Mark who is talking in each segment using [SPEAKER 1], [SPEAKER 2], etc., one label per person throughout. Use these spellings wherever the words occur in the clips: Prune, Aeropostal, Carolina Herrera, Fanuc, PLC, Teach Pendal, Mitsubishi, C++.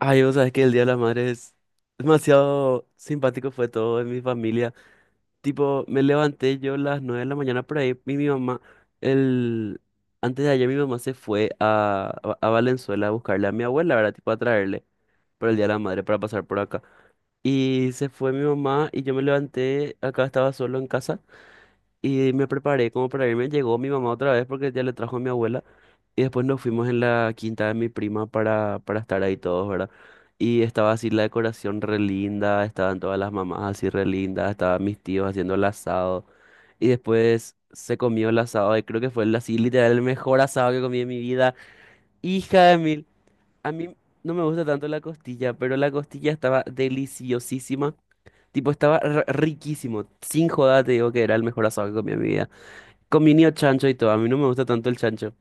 [SPEAKER 1] Ay, vos sabés que el Día de las Madres es demasiado simpático fue todo en mi familia. Tipo, me levanté yo a las 9 de la mañana por ahí y mi mamá, el... antes de ayer mi mamá se fue a Valenzuela a buscarle a mi abuela, ¿verdad? Tipo, a traerle por el Día de la Madre para pasar por acá. Y se fue mi mamá y yo me levanté, acá estaba solo en casa y me preparé como para irme. Llegó mi mamá otra vez porque ya le trajo a mi abuela. Y después nos fuimos en la quinta de mi prima para estar ahí todos, ¿verdad? Y estaba así la decoración re linda, estaban todas las mamás así re lindas, estaban mis tíos haciendo el asado. Y después se comió el asado y creo que fue el, así literal el mejor asado que comí en mi vida. Hija de mil, a mí no me gusta tanto la costilla, pero la costilla estaba deliciosísima. Tipo, estaba riquísimo. Sin joda te digo que era el mejor asado que comí en mi vida. Comía chancho y todo. A mí no me gusta tanto el chancho.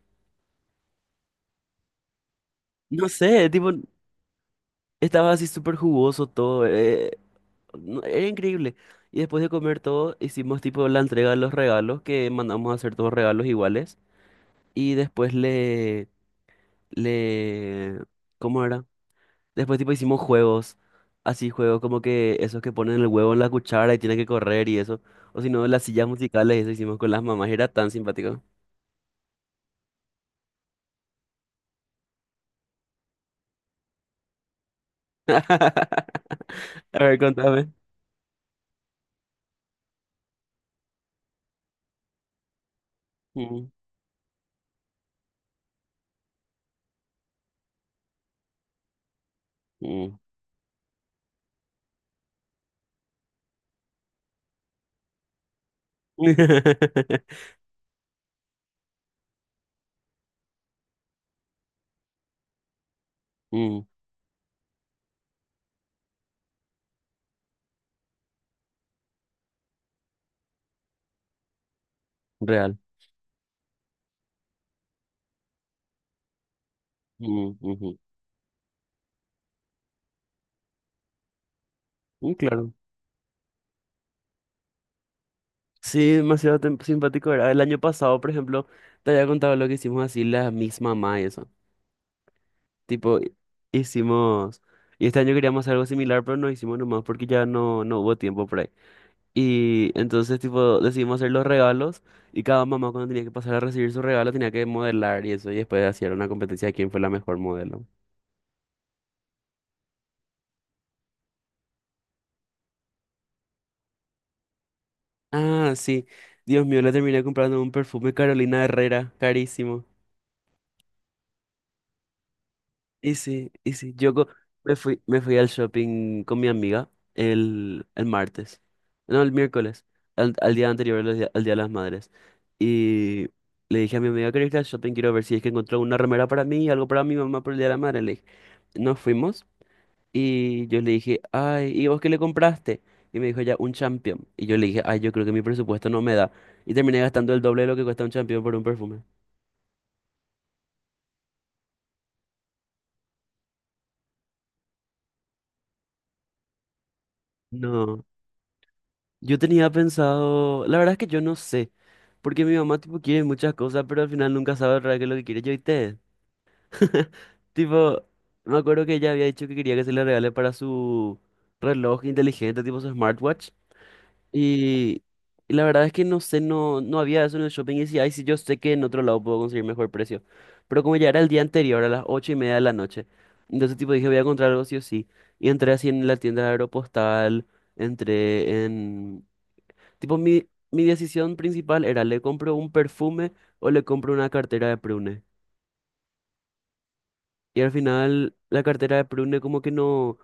[SPEAKER 1] No sé, tipo, estaba así súper jugoso todo. Era increíble. Y después de comer todo, hicimos tipo la entrega de los regalos, que mandamos a hacer todos regalos iguales. Y después le, ¿cómo era? Después tipo hicimos juegos, así juegos como que esos que ponen el huevo en la cuchara y tienen que correr y eso. O si no, las sillas musicales, eso hicimos con las mamás. Era tan simpático. A ver, contame. Mm, mm. Mm, real. Mm, ujú. Mm, claro. Sí, demasiado simpático era. El año pasado, por ejemplo, te había contado lo que hicimos así, la misma mamá y eso. Tipo, hicimos. Y este año queríamos hacer algo similar, pero no hicimos nomás porque ya no, no hubo tiempo por ahí. Y entonces, tipo, decidimos hacer los regalos y cada mamá cuando tenía que pasar a recibir su regalo tenía que modelar y eso. Y después hacían una competencia de quién fue la mejor modelo. Ah, sí. Dios mío, le terminé comprando un perfume Carolina Herrera, carísimo. Ese, ese. Me fui, me fui al shopping con mi amiga el martes. No, el miércoles. Al día anterior, al Día de las Madres. Y le dije a mi amiga, ¿querés ir al shopping? Quiero ver si es que encontró una remera para mí y algo para mi mamá por el Día de la Madre. Le dije, nos fuimos y yo le dije, ay, ¿y vos qué le compraste? Y me dijo ya, un champion. Y yo le dije, ay, yo creo que mi presupuesto no me da. Y terminé gastando el doble de lo que cuesta un champion por un perfume. No, yo tenía pensado, la verdad es que yo no sé. Porque mi mamá, tipo, quiere muchas cosas, pero al final nunca sabe realmente qué es lo que quiere. Yo, ¿viste? Tipo, me acuerdo que ella había dicho que quería que se le regale para su reloj inteligente, tipo su smartwatch. Y, y la verdad es que no sé, no había eso en el shopping. Y decía, ay, sí, yo sé que en otro lado puedo conseguir mejor precio. Pero como ya era el día anterior, a las 8:30 de la noche, entonces, tipo, dije, voy a encontrar algo sí o sí. Y entré así en la tienda de Aeropostal, entré en. Tipo, mi decisión principal era, ¿le compro un perfume o le compro una cartera de Prune? Y al final, la cartera de Prune como que no,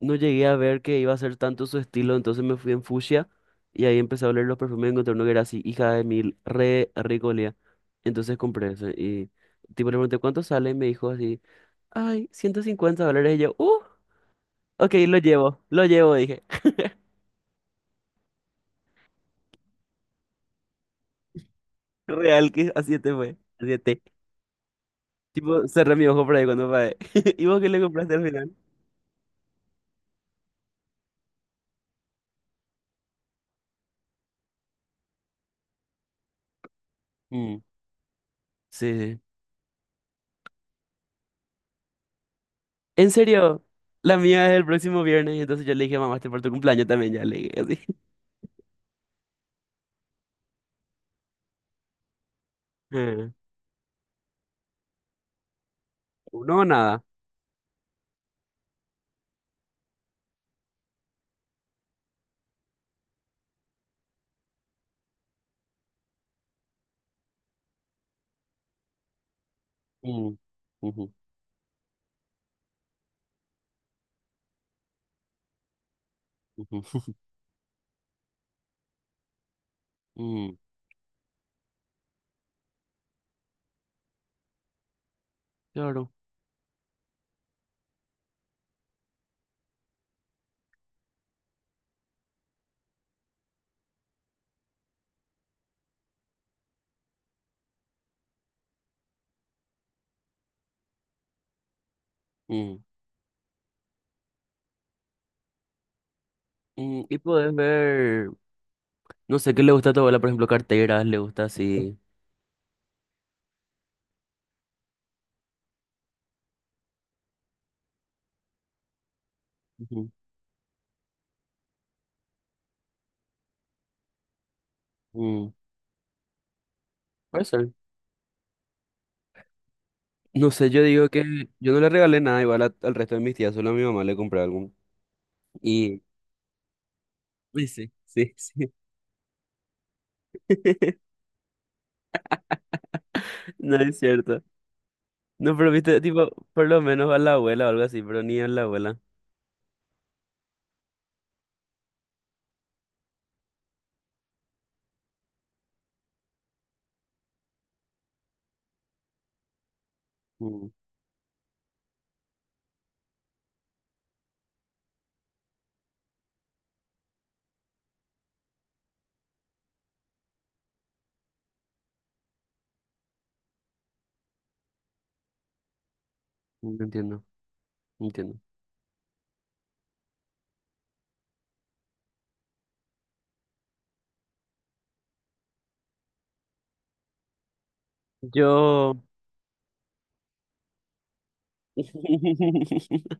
[SPEAKER 1] no llegué a ver que iba a ser tanto su estilo, entonces me fui en fucsia y ahí empecé a oler los perfumes y encontré uno que era así, hija de mil, re rico olía. Entonces compré ese y tipo le pregunté, ¿cuánto sale? Y me dijo así, ay, $150. Y yo, ok, lo llevo, dije. Real que a 7 fue, a 7. Tipo, cerré mi ojo por ahí cuando pagué. ¿Y vos qué le compraste al final? Mm. Sí, sí. En serio, la mía es el próximo viernes, y entonces yo le dije mamá, este por tu cumpleaños también, ya le dije así. Eh, No, nada. Mm, ujú, ujú, mm, claro. Mm. Mm, y puedes ver, no sé, ¿qué le gusta a tu abuela? Por ejemplo, carteras, le gusta así. Ujú, mm. Puede ser. No sé, yo digo que yo no le regalé nada igual a- al resto de mis tías, solo a mi mamá le compré algo. Y. Sí, sí, sí, sí. No es cierto. No, pero viste, tipo, por lo menos a la abuela o algo así, pero ni a la abuela. Mm, no entiendo, no entiendo. Yo.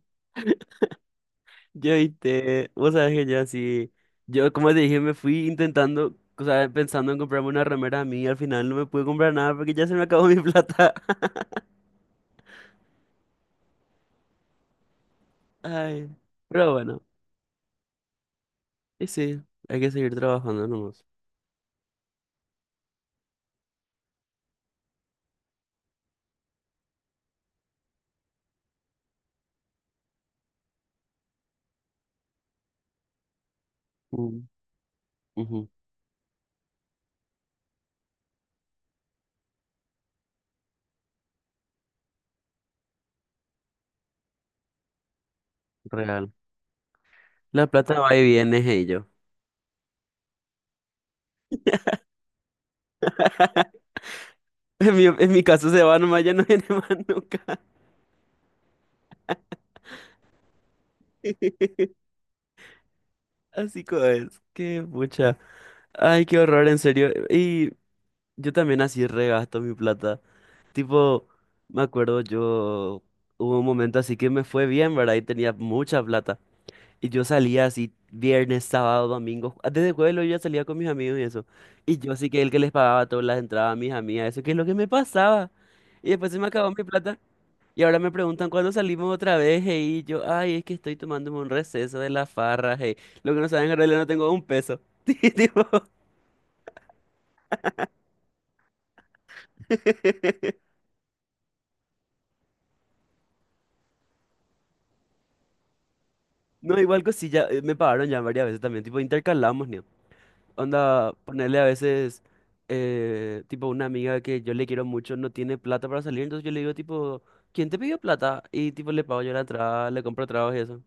[SPEAKER 1] Yo te vos sabés que yo así, yo como te dije, me fui intentando, o sea, pensando en comprarme una remera a mí, y al final no me pude comprar nada porque ya se me acabó mi plata. Ay, pero bueno, y sí, hay que seguir trabajando nomás. Mm, ujú, real. La plata va y viene, hey yo. En mi caso se va nomás, ya no viene más nunca. Así como es, qué pucha. Ay, qué horror, en serio. Y yo también así regasto mi plata. Tipo, me acuerdo yo, hubo un momento así que me fue bien, ¿verdad? Y tenía mucha plata. Y yo salía así viernes, sábado, domingo. Desde jueves yo ya salía con mis amigos y eso. Y yo así que el que les pagaba todas las entradas a mis amigas, eso que es lo que me pasaba. Y después se me acabó mi plata. Y ahora me preguntan cuándo salimos otra vez, hey, y yo, ay, es que estoy tomándome un receso de la farra, hey. Lo que no saben, en realidad no tengo un peso. Tipo, no, igual cosilla, me pagaron ya varias veces también, tipo, intercalamos, ¿no? Onda, ponerle a veces, tipo, una amiga que yo le quiero mucho no tiene plata para salir, entonces yo le digo, tipo, ¿quién te pidió plata? Y, tipo, le pago yo la entrada, le compro tragos y eso.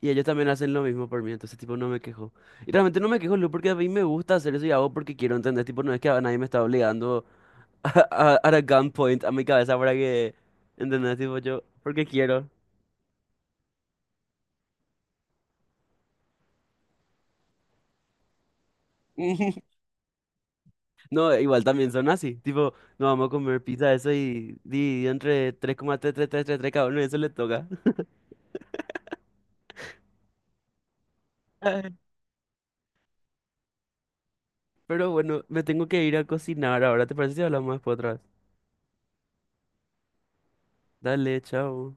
[SPEAKER 1] Y ellos también hacen lo mismo por mí, entonces tipo no me quejo. Y realmente no me quejo, Lu, porque a mí me gusta hacer eso y hago porque quiero entender, tipo no es que a nadie me está obligando a gunpoint a mi cabeza para que, ¿entendés? Tipo yo, porque quiero. No, igual también son así, tipo, no vamos a comer pizza, eso y dividido entre 3,333 3,3 cada uno, eso le toca. Pero bueno, me tengo que ir a cocinar ahora, ¿te parece si hablamos después otra vez? Dale, chao.